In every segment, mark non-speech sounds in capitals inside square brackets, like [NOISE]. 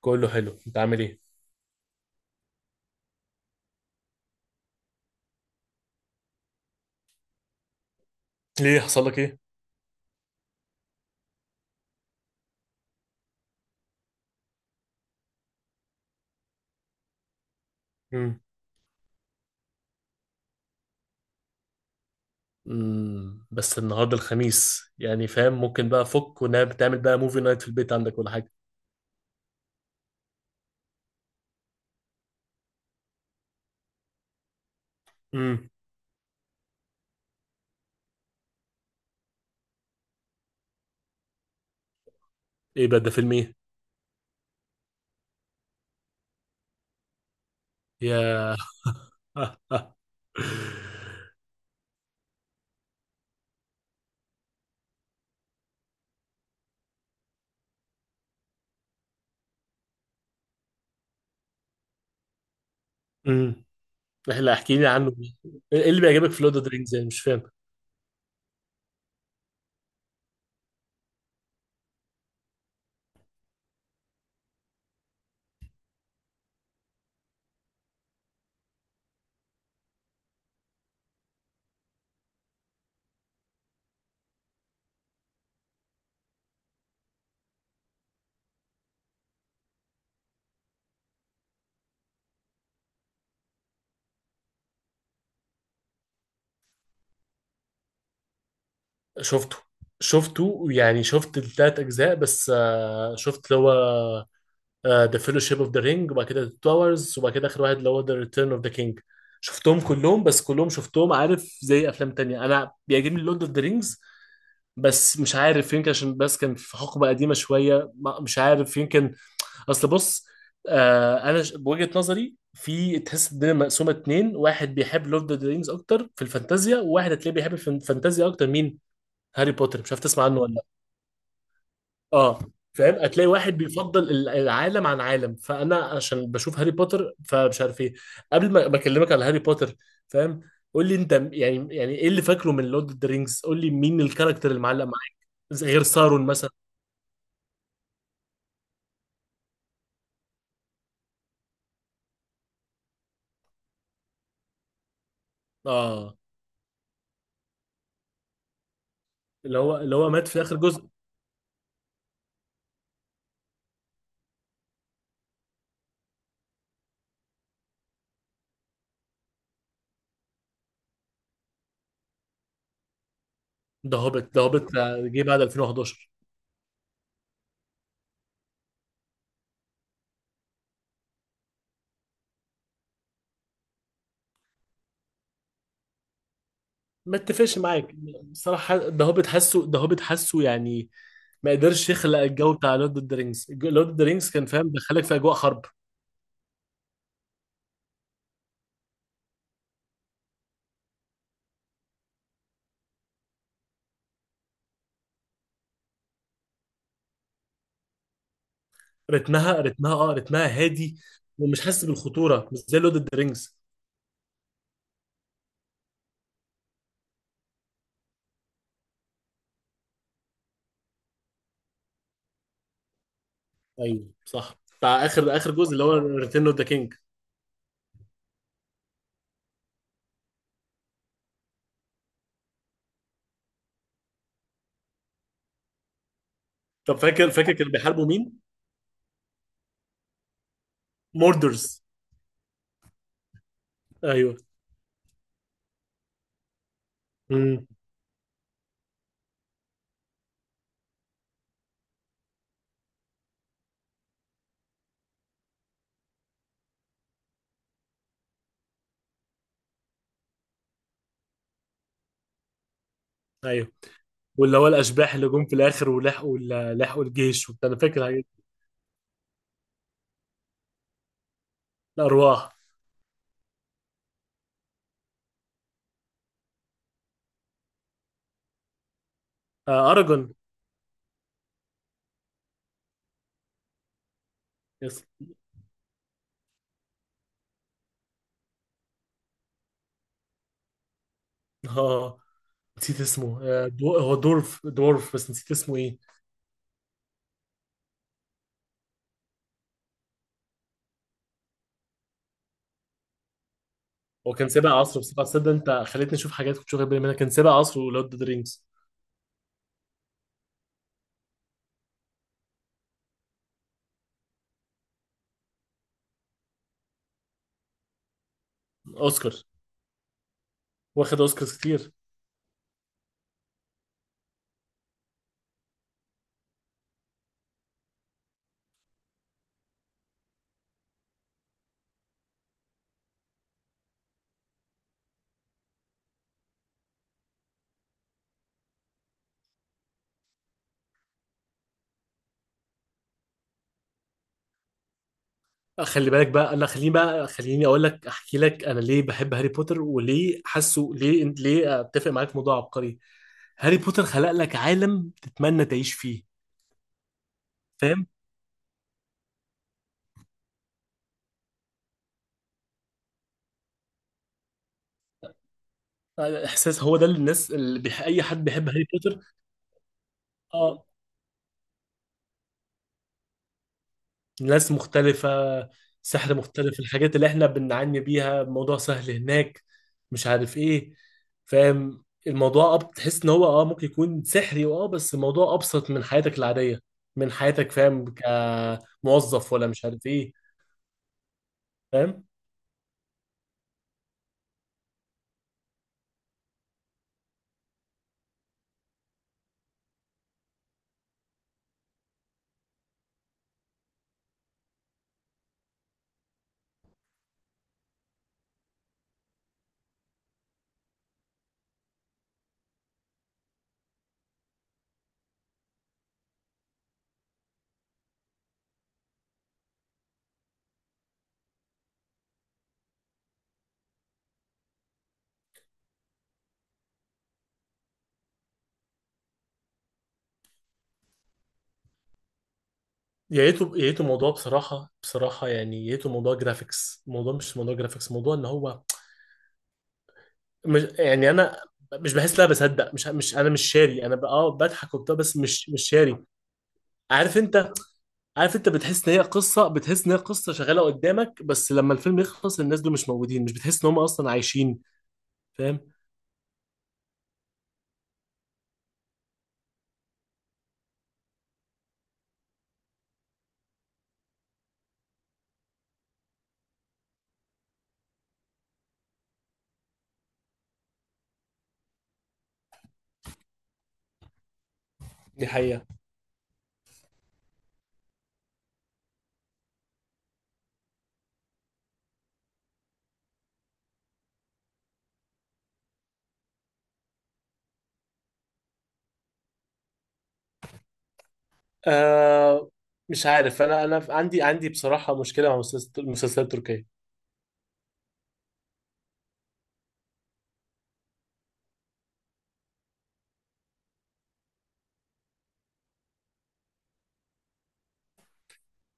كله حلو، انت عامل ايه؟ ليه؟ حصل لك ايه؟ امم بس النهارده الخميس، يعني فاهم؟ ممكن بقى فك ونام، تعمل بقى موفي نايت في البيت عندك ولا حاجه. امم ايه بقى ده؟ فيلم ايه؟ يا [LAUGHS] امم احنا احكي لي عنه. ايه اللي بيعجبك في لورد اوف ذا رينجز؟ يعني مش فاهم. شفته، يعني شفت التلات اجزاء، بس شفت اللي هو ذا فيلوشيب اوف ذا رينج، وبعد كده ذا تاورز، وبعد كده اخر واحد اللي هو ذا ريتيرن اوف ذا كينج. شفتهم كلهم، بس كلهم شفتهم. عارف، زي افلام تانية، انا بيعجبني لورد اوف ذا رينجز، بس مش عارف، يمكن عشان بس كان في حقبة قديمة شوية، مش عارف يمكن. اصل بص، انا بوجهة نظري، في تحس الدنيا مقسومة اتنين، واحد بيحب لورد اوف ذا رينجز اكتر في الفانتازيا، وواحد هتلاقيه بيحب الفانتازيا اكتر. مين؟ هاري بوتر، مش عارف تسمع عنه ولا؟ اه، فاهم، هتلاقي واحد بيفضل العالم عن عالم، فانا عشان بشوف هاري بوتر، فمش عارف ايه. قبل ما اكلمك على هاري بوتر، فاهم، قول لي انت يعني، يعني ايه اللي فاكره من لورد اوف ذا رينجز؟ قول لي مين الكاركتر اللي معلق معاك؟ غير سارون مثلا. اه، اللي هو مات في اخر جزء. ده هوبيت، ده هوبيت جه بعد 2011. ما اتفقش معاك بصراحه، ده هوبيت حاسه، ده هوبيت حاسه يعني، ما قدرش يخلق الجو بتاع لورد اوف ذا رينجز. لورد اوف ذا رينجز كان فاهم دخلك في اجواء حرب. رتمها رتمها اه، رتمها هادي، ومش حاسس بالخطوره، مش زي لورد اوف ذا رينجز. ايوه صح، بتاع اخر جزء اللي هو ريتيرن اوف ذا كينج. طب فاكر؟ فاكر كانوا بيحاربوا مين؟ موردرز. ايوه. امم. ايوه، واللي هو الاشباح اللي جم في الاخر ولحقوا لحقوا الجيش وبتاع، انا فاكر الحاجات دي. الارواح. آه اراجون. يس. اه، نسيت اسمه، آه دو... هو دورف، بس نسيت اسمه ايه. هو كان سابق عصره، بس تصدق انت خليتني اشوف حاجات كنت واخد بالي منها؟ كان سابق عصره لورد اوف ذا رينجز. اوسكار، واخد اوسكارز كتير. خلي بالك بقى، لا خليني بقى خليني اقول لك، احكي لك انا ليه بحب هاري بوتر وليه حاسه، ليه اتفق معاك في موضوع عبقري. هاري بوتر خلق لك عالم تتمنى تعيش فيه، فاهم؟ احساس، هو ده اللي الناس اللي اي حد بيحب هاري بوتر. اه، ناس مختلفة، سحر مختلف، الحاجات اللي احنا بنعاني بيها الموضوع سهل هناك، مش عارف ايه، فاهم الموضوع. اه، بتحس ان هو اه ممكن يكون سحري، اه، بس الموضوع ابسط من حياتك العادية، من حياتك، فاهم؟ كموظف ولا مش عارف ايه، فاهم؟ يا ريته يا ريته موضوع، بصراحة بصراحة يعني، يا ريته موضوع جرافيكس. الموضوع مش موضوع جرافيكس، موضوع ان هو، مش يعني، انا مش بحس ان انا بصدق. مش مش انا مش شاري، انا اه بضحك وبتاع، بس مش شاري. عارف انت عارف انت بتحس ان هي قصه، بتحس ان هي قصه شغاله قدامك، بس لما الفيلم يخلص الناس دول مش موجودين، مش بتحس ان هم اصلا عايشين، فاهم؟ دي حقيقه. آه، مش عارف، انا انا عندي، بصراحه مشكله مع المسلسلات، المسلسلات التركيه.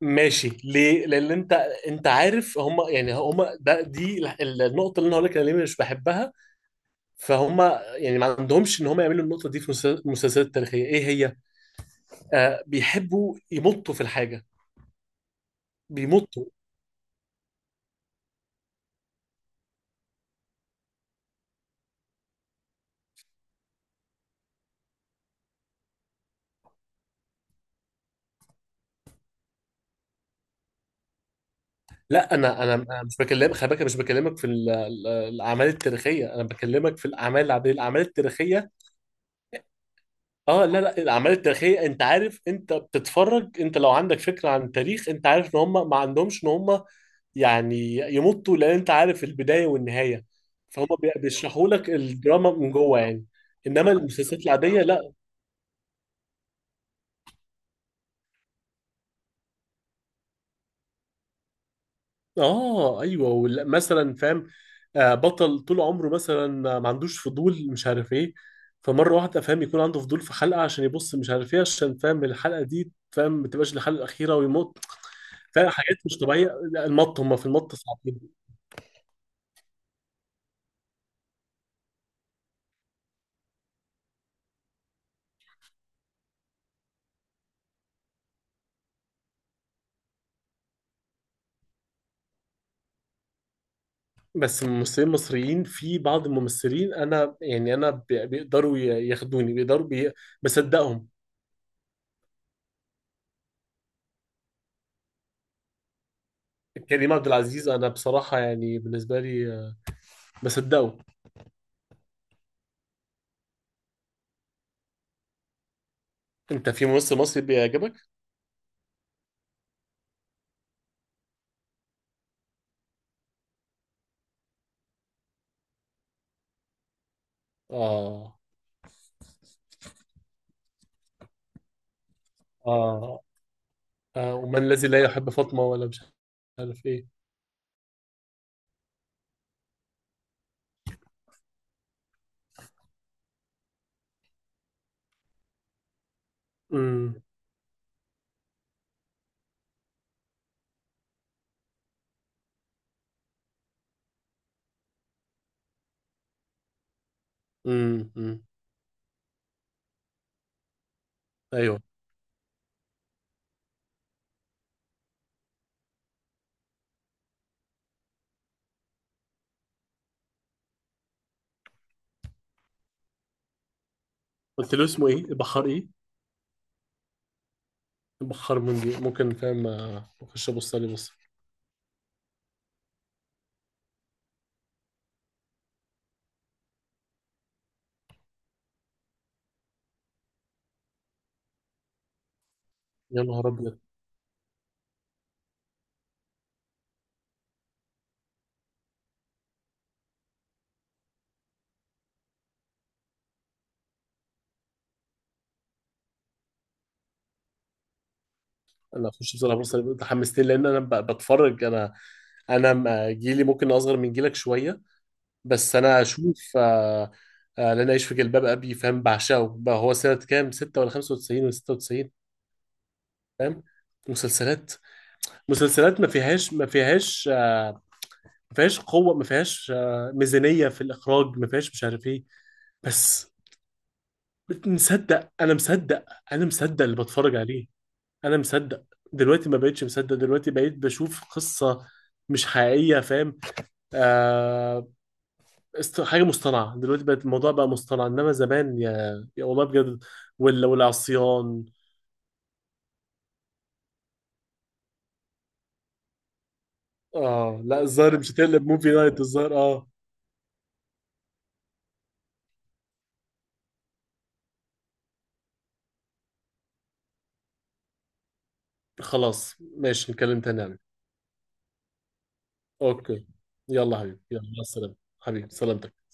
ماشي ليه؟ لان انت، انت عارف هم يعني، هم ده، دي النقطه اللي انا هقول لك انا ليه مش بحبها. فهم يعني، ما عندهمش ان هم يعملوا النقطه دي في المسلسلات التاريخيه. ايه هي؟ آه، بيحبوا يمطوا في الحاجه، بيمطوا. لا، انا انا أنا مش بكلمك، خلي بالك، أنا مش بكلمك في الاعمال التاريخيه، انا بكلمك في الاعمال العاديه. الاعمال التاريخيه، اه، لا لا الاعمال التاريخيه، انت عارف، انت بتتفرج انت لو عندك فكره عن التاريخ، انت عارف ان هم ما عندهمش ان هم يعني يمطوا، لان انت عارف البدايه والنهايه. فهم، بيشرحوا لك الدراما من جوه يعني. انما المسلسلات العاديه لا. اه ايوه، مثلا، فاهم، بطل طول عمره مثلا ما عندوش فضول، مش عارف ايه، فمره واحده، فاهم، يكون عنده فضول في حلقه عشان يبص مش عارف ايه، عشان، فاهم، الحلقه دي، فاهم، ما تبقاش الحلقه الاخيره ويموت. فاهم، حاجات مش طبيعيه. لا، المط، هم في المط صعبين. بس الممثلين المصريين، في بعض الممثلين، انا يعني انا بيقدروا ياخدوني، بصدقهم. كريم عبد العزيز، انا بصراحه يعني بالنسبه لي، بصدقه. انت في ممثل مصري بيعجبك؟ اه اه آه، ومن الذي لا يحب فاطمة، ولا مش عارف ايه. امم أمم. ايوه، قلت له اسمه ايه؟ بحار ايه؟ بحار منجي، ممكن، فاهم، اخش ابص عليه، بص. يا نهار ابيض، انا اخش بصراحه ابص عليه، أنت حمستني. لان انا بتفرج، انا جيلي ممكن اصغر من جيلك شويه، بس انا اشوف لن اعيش في جلباب ابي، فاهم، بعشقه بقى، هو سنه كام؟ 6 ولا 95 ولا 96؟ فاهم، مسلسلات مسلسلات ما فيهاش، ما فيهاش قوه، ما فيهاش ميزانيه في الاخراج، ما فيهاش مش عارف ايه، بس مصدق، انا مصدق، انا مصدق اللي بتفرج عليه، انا مصدق. دلوقتي ما بقتش مصدق، دلوقتي بقيت بشوف قصه مش حقيقيه، فاهم؟ آه، حاجه مصطنعه، دلوقتي بقت الموضوع بقى مصطنع، انما زمان، يا يا والله بجد، ولا والعصيان. اه لا، الظاهر مش هتقلب موفي نايت، الظاهر اه. خلاص ماشي، نتكلم تاني يعني. اوكي، يلا حبيبي، يلا مع السلامه. حبيبي سلامتك.